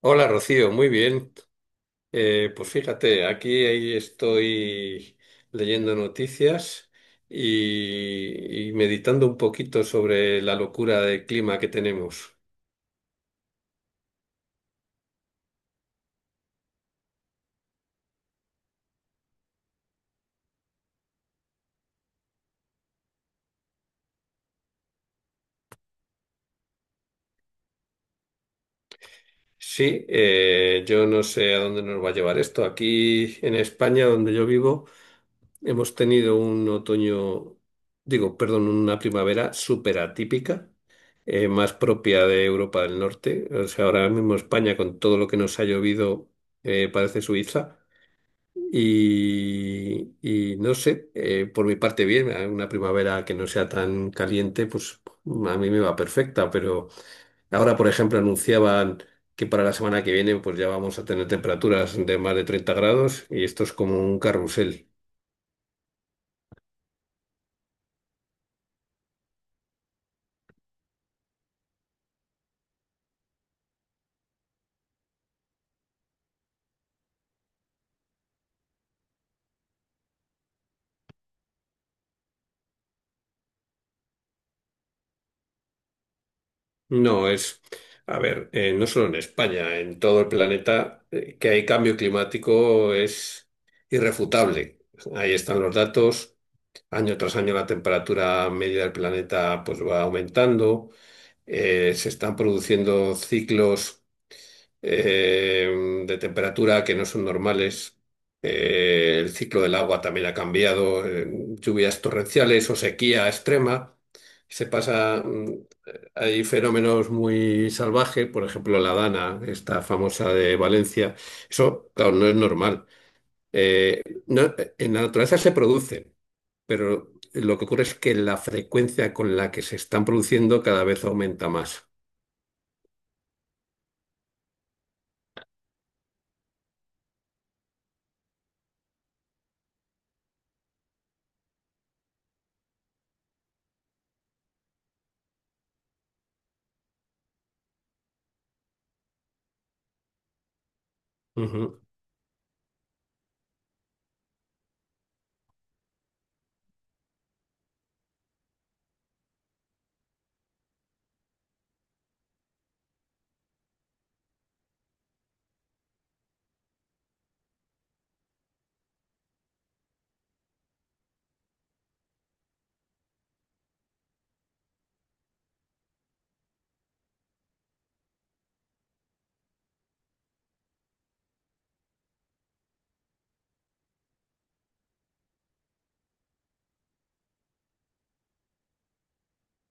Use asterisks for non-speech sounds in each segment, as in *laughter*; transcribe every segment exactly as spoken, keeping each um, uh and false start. Hola Rocío, muy bien. Eh, pues fíjate, aquí ahí estoy leyendo noticias y, y meditando un poquito sobre la locura de clima que tenemos. Sí, eh, yo no sé a dónde nos va a llevar esto. Aquí en España, donde yo vivo, hemos tenido un otoño, digo, perdón, una primavera súper atípica, eh, más propia de Europa del Norte. O sea, ahora mismo España, con todo lo que nos ha llovido, eh, parece Suiza. Y, y no sé, eh, por mi parte bien, eh, una primavera que no sea tan caliente, pues a mí me va perfecta, pero ahora, por ejemplo, anunciaban que para la semana que viene pues ya vamos a tener temperaturas de más de treinta grados y esto es como un carrusel. No, es, a ver, eh, no solo en España, en todo el planeta, eh, que hay cambio climático es irrefutable. Ahí están los datos. Año tras año la temperatura media del planeta pues va aumentando. Eh, se están produciendo ciclos eh, de temperatura que no son normales. Eh, el ciclo del agua también ha cambiado, eh, lluvias torrenciales o sequía extrema. Se pasa, mm, hay fenómenos muy salvajes, por ejemplo, la Dana, esta famosa de Valencia. Eso, claro, no es normal. Eh, no- en la naturaleza se produce, pero lo que ocurre es que la frecuencia con la que se están produciendo cada vez aumenta más. Ujú.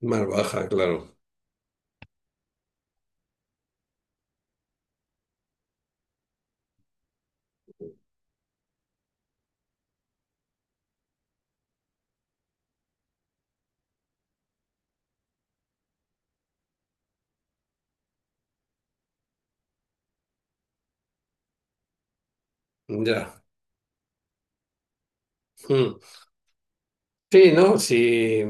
Más baja, claro. Ya. Mm. Sí, ¿no? Sí.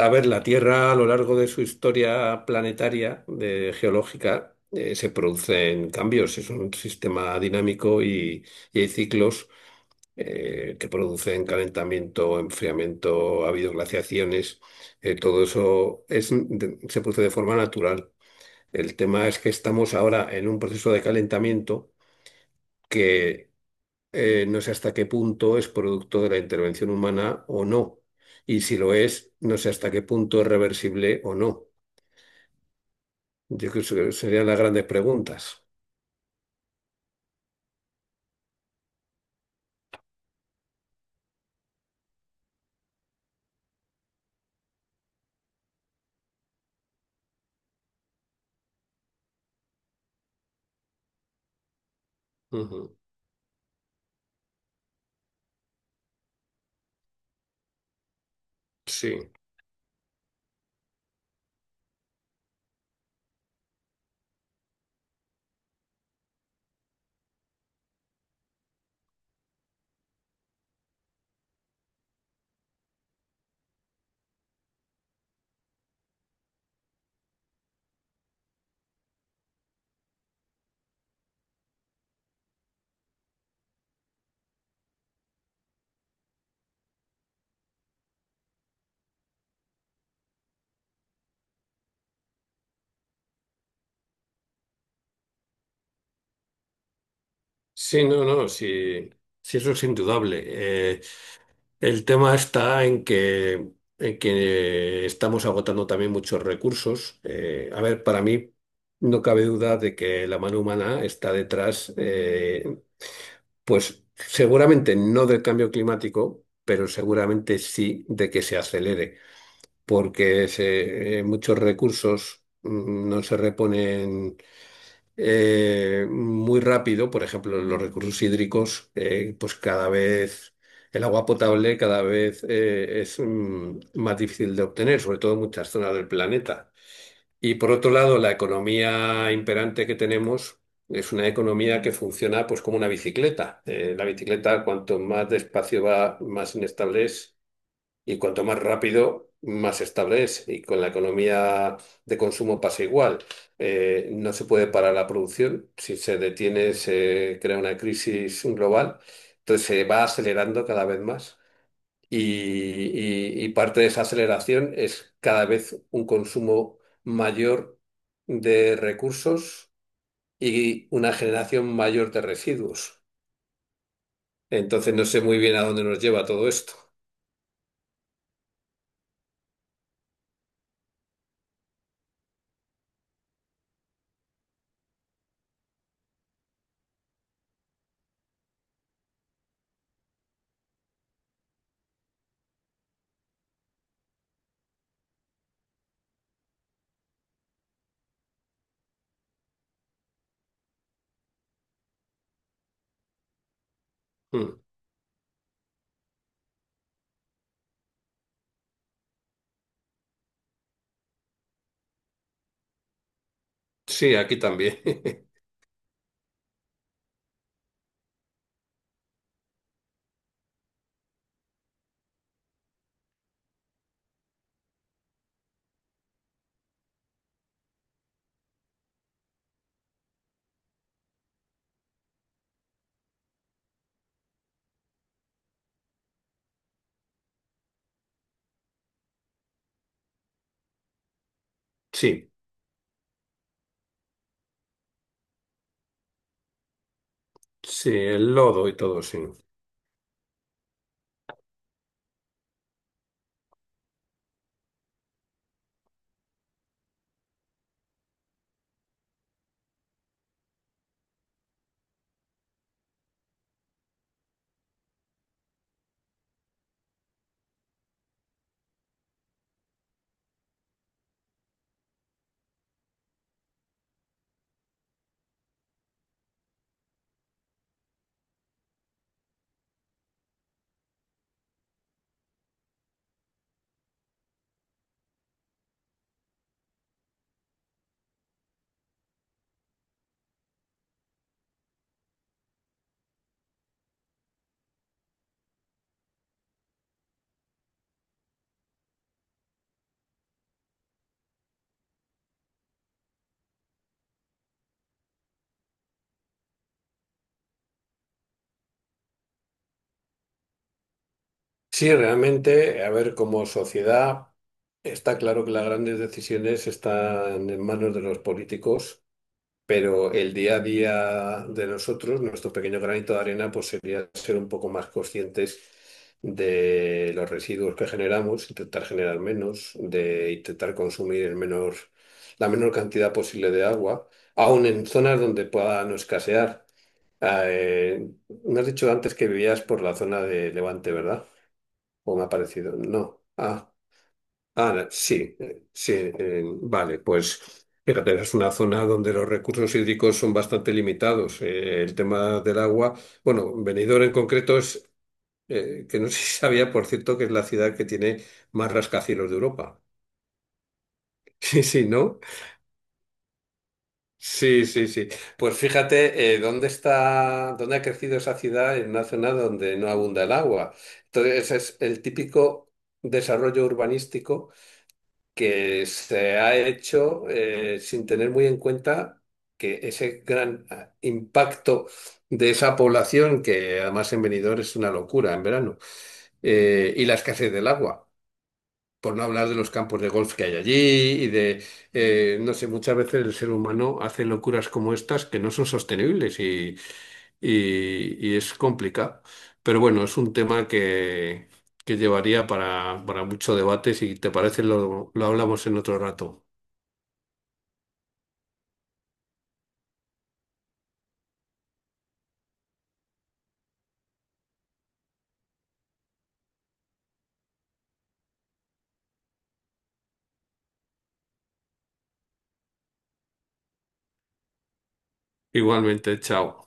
A ver, la Tierra a lo largo de su historia planetaria, de geológica, eh, se producen cambios. Es un sistema dinámico y, y hay ciclos eh, que producen calentamiento, enfriamiento, ha habido glaciaciones. Eh, todo eso es, de- se produce de forma natural. El tema es que estamos ahora en un proceso de calentamiento que eh, no sé hasta qué punto es producto de la intervención humana o no. Y si lo es, no sé hasta qué punto es reversible o no. Yo creo que serían las grandes preguntas. Ujú. Sí, sí, no, no, sí, sí, eso es indudable. Eh, el tema está en que, en que estamos agotando también muchos recursos. Eh, a ver, para mí no cabe duda de que la mano humana está detrás, eh, pues seguramente no del cambio climático, pero seguramente sí de que se acelere, porque se- eh, muchos recursos mm, no se reponen eh, muy rápido. Por ejemplo, los recursos hídricos, eh, pues cada vez el agua potable cada vez eh, es mm, más difícil de obtener, sobre todo en muchas zonas del planeta. Y por otro lado, la economía imperante que tenemos es una economía que funciona pues como una bicicleta. Eh, la bicicleta, cuanto más despacio va, más inestable es, y cuanto más rápido, más estable es. Y con la economía de consumo pasa igual. Eh, no se puede parar la producción. Si se detiene, se crea una crisis global. Entonces se va acelerando cada vez más. Y, y- y parte de esa aceleración es cada vez un consumo mayor de recursos y una generación mayor de residuos. Entonces no sé muy bien a dónde nos lleva todo esto. Mm. Sí, aquí también. *laughs* Sí, sí, el lodo y todo, sí. Sí, realmente, a ver, como sociedad, está claro que las grandes decisiones están en manos de los políticos. Pero el día a día de nosotros, nuestro pequeño granito de arena, pues sería ser un poco más conscientes de los residuos que generamos, intentar generar menos, de intentar consumir el menor, la menor cantidad posible de agua, aun en zonas donde pueda no escasear. Ah, Eh, Me has dicho antes que vivías por la zona de Levante, ¿verdad? ¿O me ha parecido? No. Ah. Ah, la- sí, eh, sí, eh, vale, pues fíjate, es una zona donde los recursos hídricos son bastante limitados. Eh, el tema del agua, bueno, Benidorm en concreto es, eh, que no sé si sabía, por cierto, que es la ciudad que tiene más rascacielos de Europa. *laughs* Sí, sí, ¿no? Sí, sí, sí. Pues fíjate, eh, dónde está, dónde ha crecido esa ciudad en una zona donde no abunda el agua. Entonces, es el típico desarrollo urbanístico que se ha hecho eh, sin tener muy en cuenta que ese gran ah, impacto de esa población, que además en Benidorm es una locura en verano, eh, y la escasez del agua por no hablar de los campos de golf que hay allí y de, eh, no sé, muchas veces el ser humano hace locuras como estas que no son sostenibles y, y- y es complicado. Pero bueno, es un tema que, que llevaría para, para mucho debate. Si te parece, lo, lo hablamos en otro rato. Igualmente, chao.